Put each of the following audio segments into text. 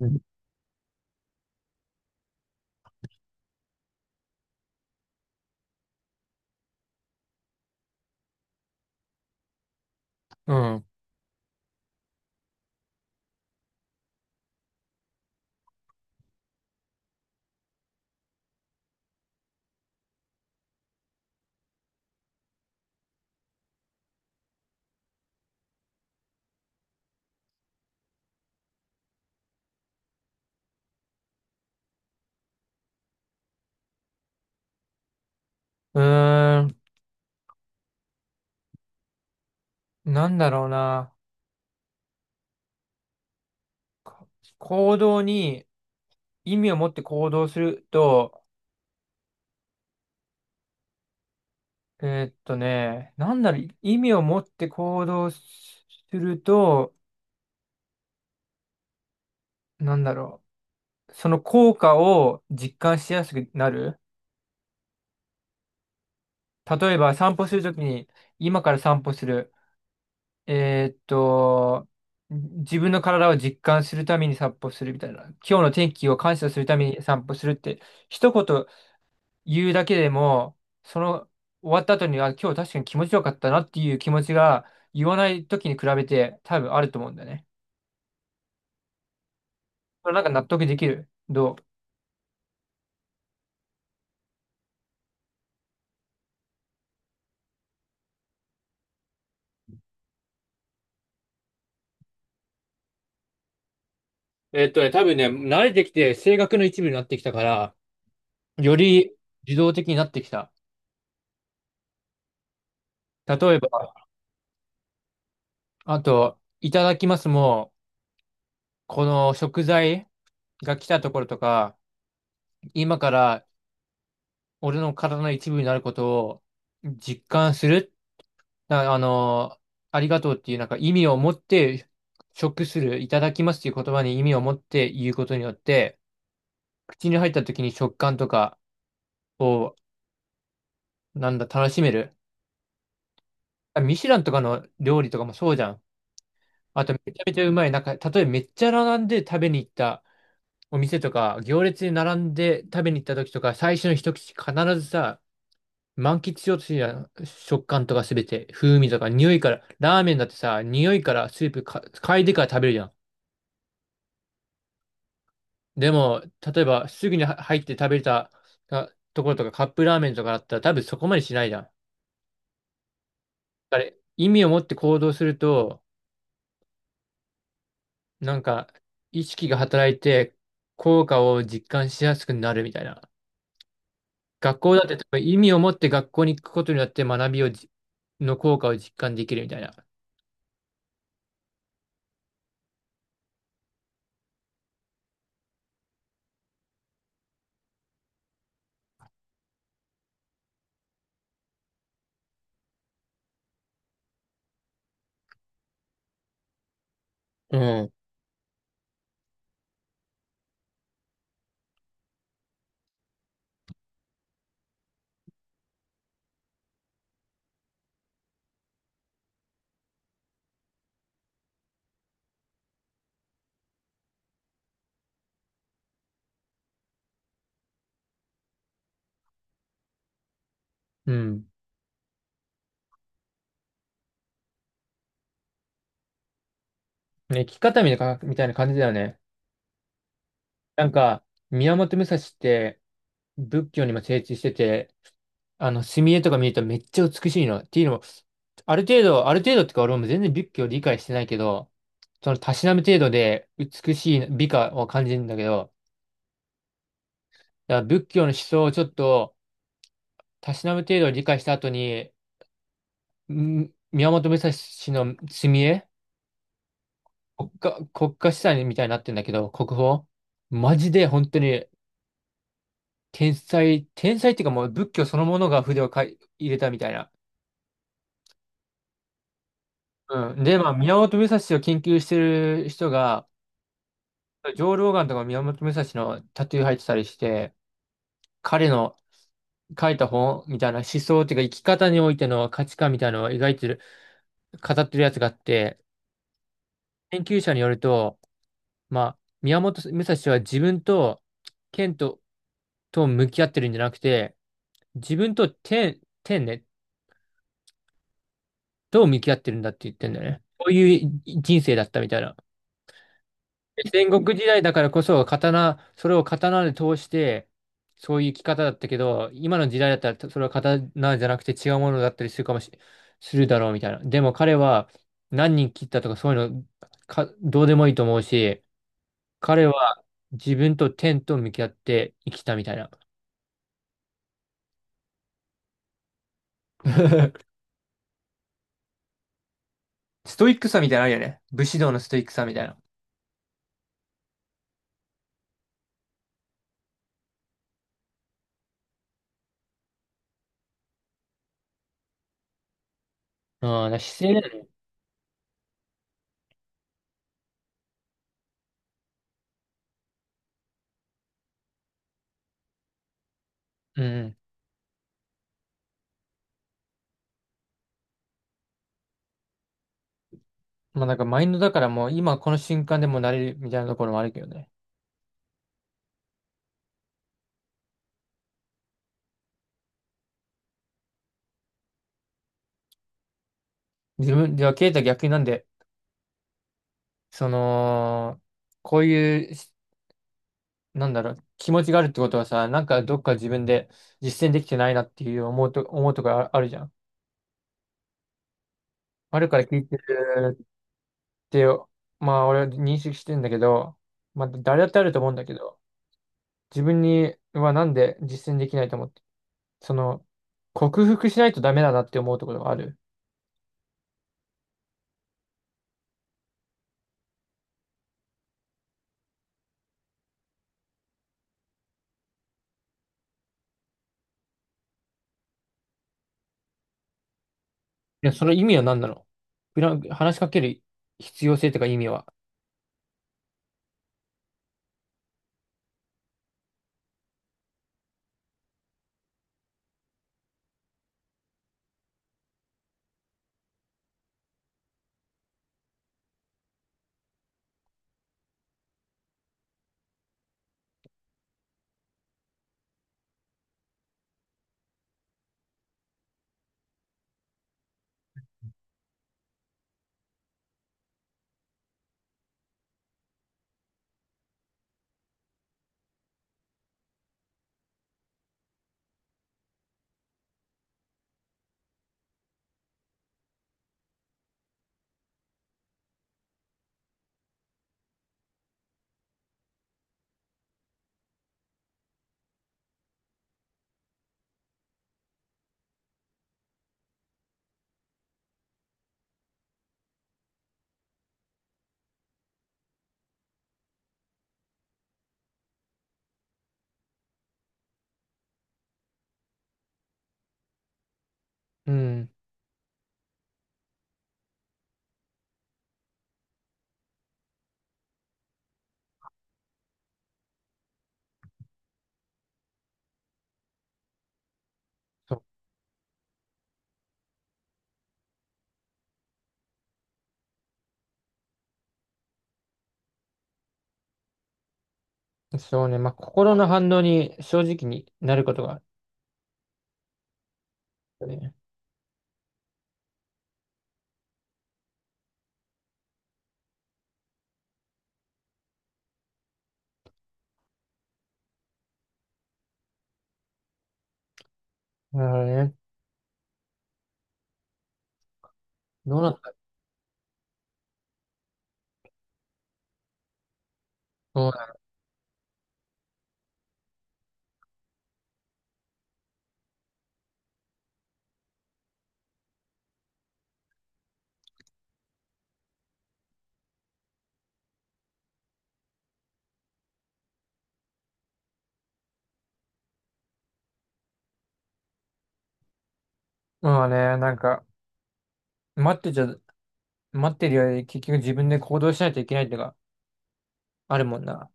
うん。うん。うーん。なんだろうな。か行動に意味を持って行動すると、え意味を持って行動すると、なんだろその効果を実感しやすくなる。例えば散歩するときに、今から散歩する。えーっと、自分の体を実感するために散歩するみたいな。今日の天気を感謝するために散歩するって、一言言うだけでも、その終わった後に、あ、今日確かに気持ちよかったなっていう気持ちが言わない時に比べて多分あると思うんだよね。それなんか納得できる。どう？多分ね、慣れてきて性格の一部になってきたから、より自動的になってきた。例えば、あと、いただきますも、この食材が来たところとか、今から俺の体の一部になることを実感するあの、ありがとうっていうなんか意味を持って、食する、いただきますっていう言葉に意味を持って言うことによって、口に入った時に食感とかを、なんだ、楽しめる。あ、ミシュランとかの料理とかもそうじゃん。あと、めちゃめちゃうまい。なんか、例えばめっちゃ並んで食べに行ったお店とか、行列に並んで食べに行った時とか、最初の一口必ずさ、満喫しようとするじゃん。食感とかすべて、風味とか、匂いから、ラーメンだってさ、匂いからスープか嗅いでから食べるじゃん。でも、例えば、すぐには入って食べたところとか、カップラーメンとかだったら、多分そこまでしないじゃん。あれ、意味を持って行動すると、なんか、意識が働いて、効果を実感しやすくなるみたいな。学校だって、多分意味を持って学校に行くことによって、学びをじ、の効果を実感できるみたいな。うん。うん。ね、生き方みたいなみたいな感じだよね。なんか、宮本武蔵って仏教にも精通してて、あの、墨絵とか見るとめっちゃ美しいの。っていうのある程度、ある程度ってか俺も全然仏教理解してないけど、そのたしなむ程度で美しい美化を感じるんだけど、だから仏教の思想をちょっとたしなむ程度理解した後に、宮本武蔵の墨絵、国家、国家資産みたいになってんだけど、国宝。マジで本当に天才、天才っていうかもう仏教そのものが筆をかい入れたみたいな。うん。で、まあ、宮本武蔵を研究してる人が、上老眼とか宮本武蔵のタトゥー入ってたりして、彼の書いた本みたいな思想っていうか生き方においての価値観みたいなのを描いてる、語ってるやつがあって、研究者によると、まあ、宮本武蔵は自分と剣と、と向き合ってるんじゃなくて、自分と天、天ね、と向き合ってるんだって言ってんだよね。こういう人生だったみたいな。戦国時代だからこそ、刀、それを刀で通して、そういう生き方だったけど、今の時代だったら、それは刀じゃなくて違うものだったりするかもし、するだろうみたいな。でも彼は何人切ったとかそういうのどうでもいいと思うし、彼は自分と天と向き合って生きたみたいな。ストイックさみたいなのあるよね。武士道のストイックさみたいな。うん、だから姿勢だよね、うん。まあなんかマインドだからもう今この瞬間でもなれるみたいなところもあるけどね。自分、ではケイタ逆になんでその、こういうし、なんだろう、気持ちがあるってことはさ、なんかどっか自分で実践できてないなっていう思うとかああるじゃん。あるから聞いてるって、まあ俺は認識してんだけど、まあ誰だってあると思うんだけど、自分にはなんで実践できないと思ってその、克服しないとダメだなって思うところがある。いや、その意味は何なの？フラン話しかける必要性とか意味は。うん。そそうね。まあ、心の反応に正直になることがあるよね。なるほどね。どうなった？そうだ、まあね、なんか、待ってちゃ待ってるより結局自分で行動しないといけないってのがあるもんな。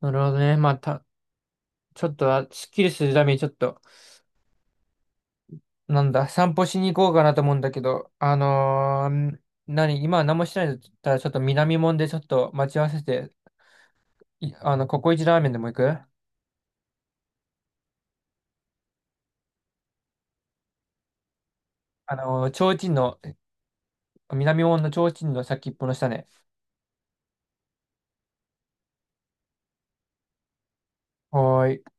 なるほどね。ちょっとは、すっきりするためにちょっと、なんだ、散歩しに行こうかなと思うんだけど、何、今は何もしてないんだったら、ちょっと南門でちょっと待ち合わせて、あの、ココイチラーメンでも行く？あのー、提灯の、南門の提灯の先っぽの下ね。はーい。